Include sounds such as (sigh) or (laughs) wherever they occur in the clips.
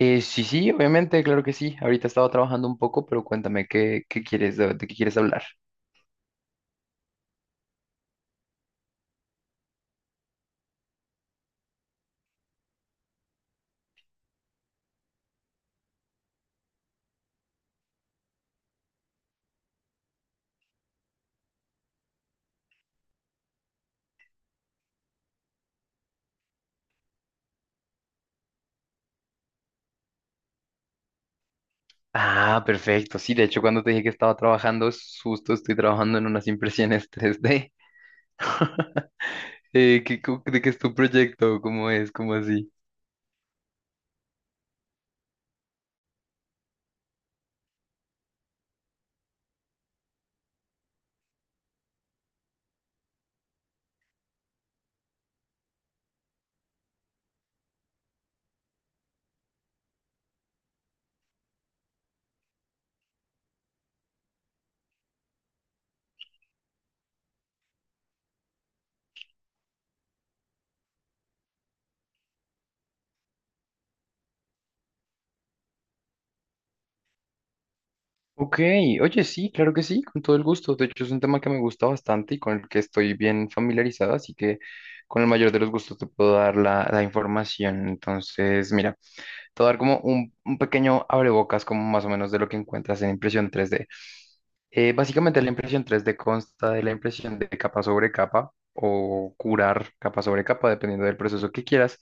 Sí, sí, obviamente, claro que sí. Ahorita estaba trabajando un poco, pero cuéntame qué quieres, de qué quieres hablar. Ah, perfecto. Sí, de hecho, cuando te dije que estaba trabajando, es justo estoy trabajando en unas impresiones 3D. (laughs) ¿De qué es tu proyecto? ¿Cómo es? ¿Cómo así? Ok, oye, sí, claro que sí, con todo el gusto. De hecho, es un tema que me gusta bastante y con el que estoy bien familiarizado, así que con el mayor de los gustos te puedo dar la información. Entonces, mira. Te voy a dar como un pequeño abrebocas, como más o menos de lo que encuentras en impresión 3D. Básicamente la impresión 3D consta de la impresión de capa sobre capa o curar capa sobre capa, dependiendo del proceso que quieras,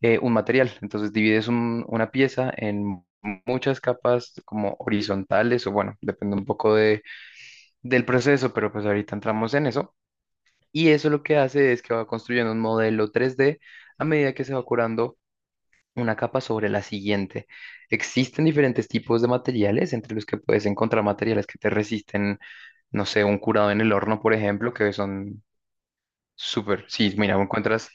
un material. Entonces divides una pieza en muchas capas como horizontales o bueno, depende un poco del proceso, pero pues ahorita entramos en eso. Y eso lo que hace es que va construyendo un modelo 3D a medida que se va curando una capa sobre la siguiente. Existen diferentes tipos de materiales, entre los que puedes encontrar materiales que te resisten, no sé, un curado en el horno, por ejemplo, que son súper, sí, mira, encuentras,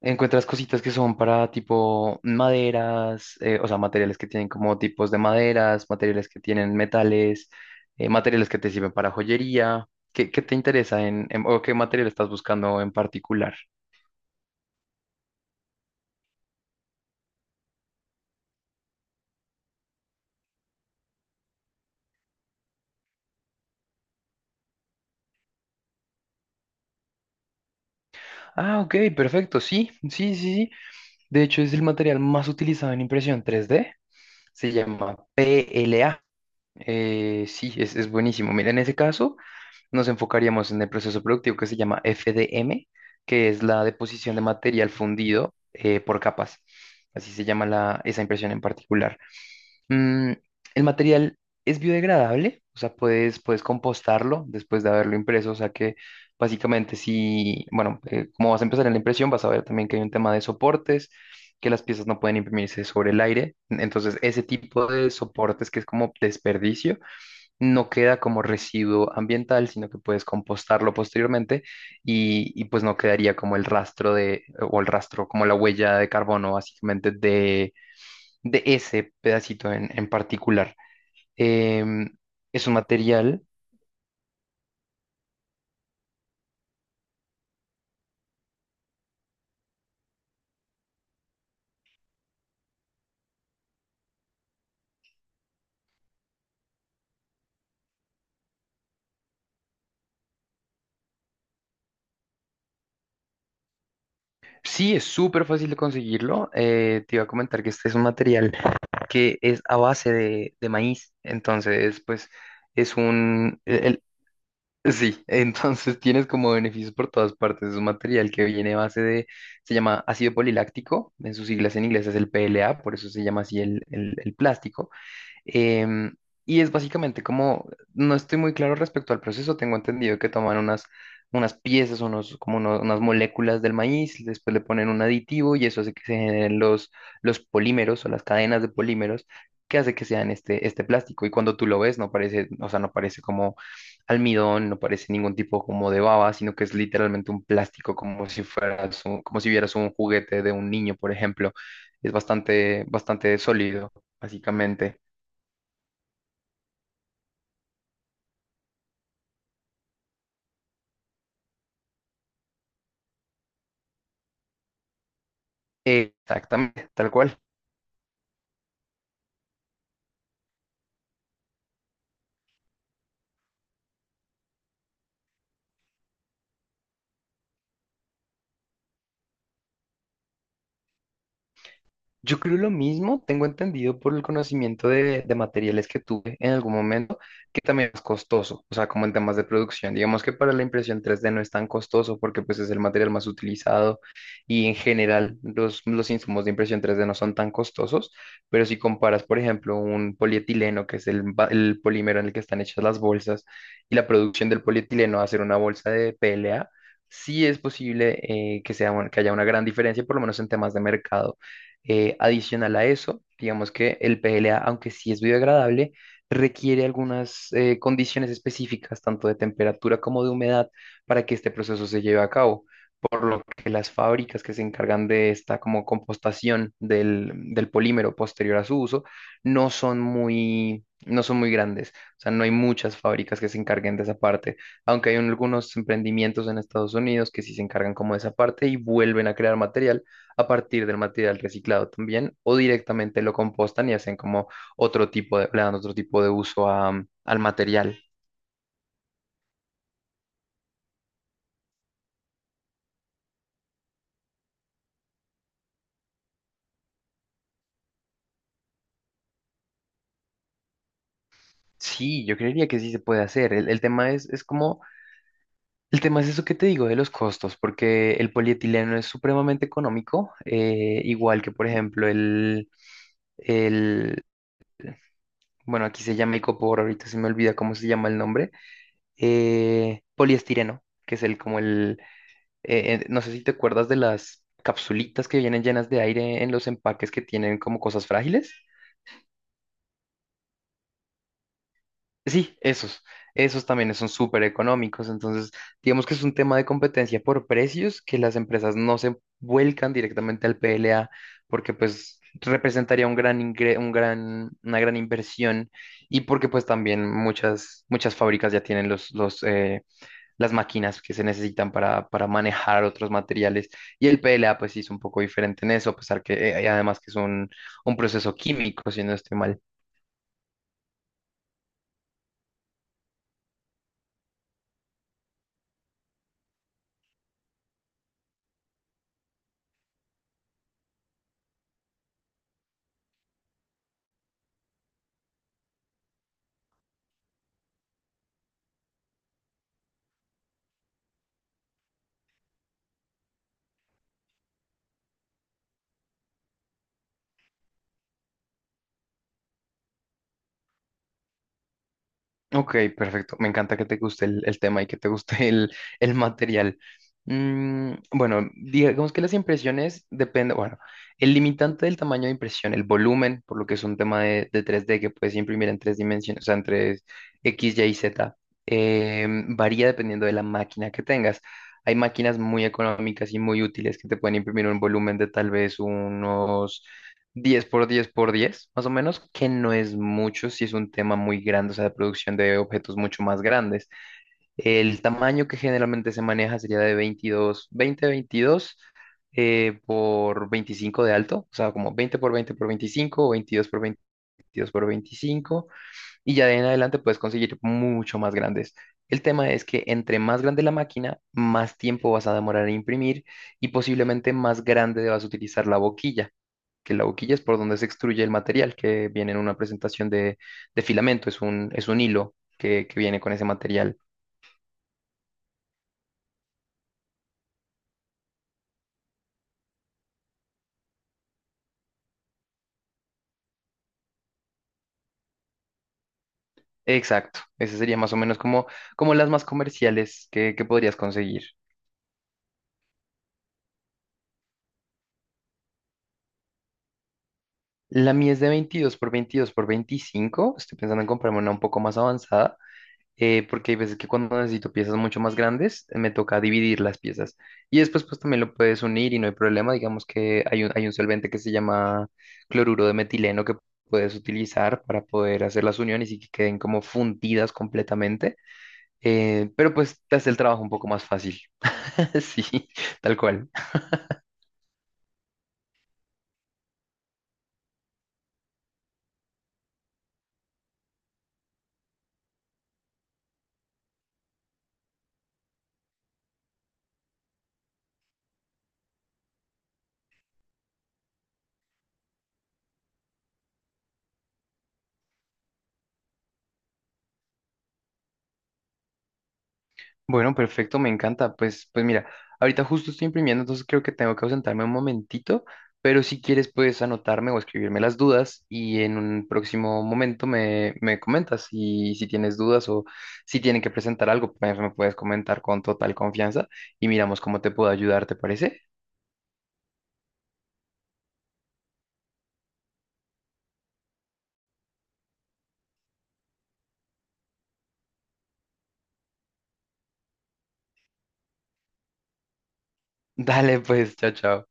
encuentras cositas que son para tipo maderas, o sea, materiales que tienen como tipos de maderas, materiales que tienen metales, materiales que te sirven para joyería. ¿Qué te interesa o qué material estás buscando en particular? Ah, ok, perfecto, sí, sí, sí, sí. De hecho, es el material más utilizado en impresión 3D. Se llama PLA. Sí, es buenísimo. Mira, en ese caso nos enfocaríamos en el proceso productivo que se llama FDM, que es la deposición de material fundido por capas. Así se llama esa impresión en particular. Mm, el material es biodegradable, o sea, puedes compostarlo después de haberlo impreso, o sea que básicamente si, bueno, como vas a empezar en la impresión, vas a ver también que hay un tema de soportes, que las piezas no pueden imprimirse sobre el aire, entonces ese tipo de soportes que es como desperdicio, no queda como residuo ambiental, sino que puedes compostarlo posteriormente y pues no quedaría como el rastro de, o el rastro, como la huella de carbono básicamente de ese pedacito en particular. Em, es un material, sí, es súper fácil de conseguirlo. Te iba a comentar que este es un material que es a base de maíz, entonces pues... Es un, el, Sí, (laughs) entonces tienes como beneficios por todas partes. Es un material que viene a base de, se llama ácido poliláctico, en sus siglas en inglés es el PLA, por eso se llama así el plástico. Em, y es básicamente como, no estoy muy claro respecto al proceso, tengo entendido que toman unas piezas, unas moléculas del maíz, después le ponen un aditivo y eso hace que se generen los polímeros o las cadenas de polímeros que hace que sean este plástico. Y cuando tú lo ves, no parece, o sea, no parece como almidón, no parece ningún tipo como de baba, sino que es literalmente un plástico como si fueras como si vieras un juguete de un niño, por ejemplo. Es bastante, bastante sólido, básicamente. Exactamente, tal cual. Yo creo lo mismo, tengo entendido por el conocimiento de materiales que tuve en algún momento, que también es costoso, o sea, como en temas de producción. Digamos que para la impresión 3D no es tan costoso porque pues es el material más utilizado y en general los insumos de impresión 3D no son tan costosos, pero si comparas, por ejemplo, un polietileno, que es el polímero en el que están hechas las bolsas, y la producción del polietileno a hacer una bolsa de PLA, sí es posible que sea, que haya una gran diferencia, por lo menos en temas de mercado. Adicional a eso, digamos que el PLA, aunque sí es biodegradable, requiere algunas condiciones específicas, tanto de temperatura como de humedad, para que este proceso se lleve a cabo por lo que las fábricas que se encargan de esta como compostación del polímero posterior a su uso no son muy grandes. O sea, no hay muchas fábricas que se encarguen de esa parte, aunque hay algunos emprendimientos en Estados Unidos que sí se encargan como de esa parte y vuelven a crear material a partir del material reciclado también, o directamente lo compostan y hacen como otro tipo de, le dan otro tipo de uso al material. Sí, yo creería que sí se puede hacer. El tema es eso que te digo de los costos, porque el polietileno es supremamente económico, igual que, por ejemplo, el, bueno, aquí se llama icopor, ahorita se me olvida cómo se llama el nombre, poliestireno, que es no sé si te acuerdas de las capsulitas que vienen llenas de aire en los empaques que tienen como cosas frágiles. Sí, esos también son súper económicos, entonces digamos que es un tema de competencia por precios que las empresas no se vuelcan directamente al PLA porque pues representaría un gran ingre- un gran, una gran inversión y porque pues también muchas fábricas ya tienen las máquinas que se necesitan para manejar otros materiales y el PLA pues sí es un poco diferente en eso, a pesar que además que es un proceso químico, si no estoy mal. Ok, perfecto. Me encanta que te guste el tema y que te guste (laughs) el material. Bueno, digamos que las impresiones dependen, bueno, el limitante del tamaño de impresión, el volumen, por lo que es un tema de 3D que puedes imprimir en tres dimensiones, o sea, en tres X, Y y Z, varía dependiendo de la máquina que tengas. Hay máquinas muy económicas y muy útiles que te pueden imprimir un volumen de tal vez unos 10 por 10 por 10 más o menos, que no es mucho, si es un tema muy grande, o sea, de producción de objetos mucho más grandes. El tamaño que generalmente se maneja sería de 22 20 22 por 25 de alto, o sea, como 20 por 20 por 25 o 22 por 22 por 25 y ya de en adelante puedes conseguir mucho más grandes. El tema es que entre más grande la máquina, más tiempo vas a demorar en imprimir y posiblemente más grande vas a utilizar la boquilla que la boquilla es por donde se extruye el material que viene en una presentación de filamento, es un hilo que viene con ese material. Exacto, ese sería más o menos como las más comerciales que podrías conseguir. La mía es de 22 por 22 por 25. Estoy pensando en comprarme una un poco más avanzada porque hay veces que cuando necesito piezas mucho más grandes, me toca dividir las piezas. Y después, pues también lo puedes unir y no hay problema. Digamos que hay un solvente que se llama cloruro de metileno que puedes utilizar para poder hacer las uniones y que queden como fundidas completamente. Pero pues te hace el trabajo un poco más fácil. (laughs) Sí, tal cual. Bueno, perfecto, me encanta. Pues mira, ahorita justo estoy imprimiendo, entonces creo que tengo que ausentarme un momentito, pero si quieres puedes anotarme o escribirme las dudas y en un próximo momento me comentas si tienes dudas o si tienen que presentar algo, pues me puedes comentar con total confianza y miramos cómo te puedo ayudar, ¿te parece? (laughs) Dale, pues, chao, chao.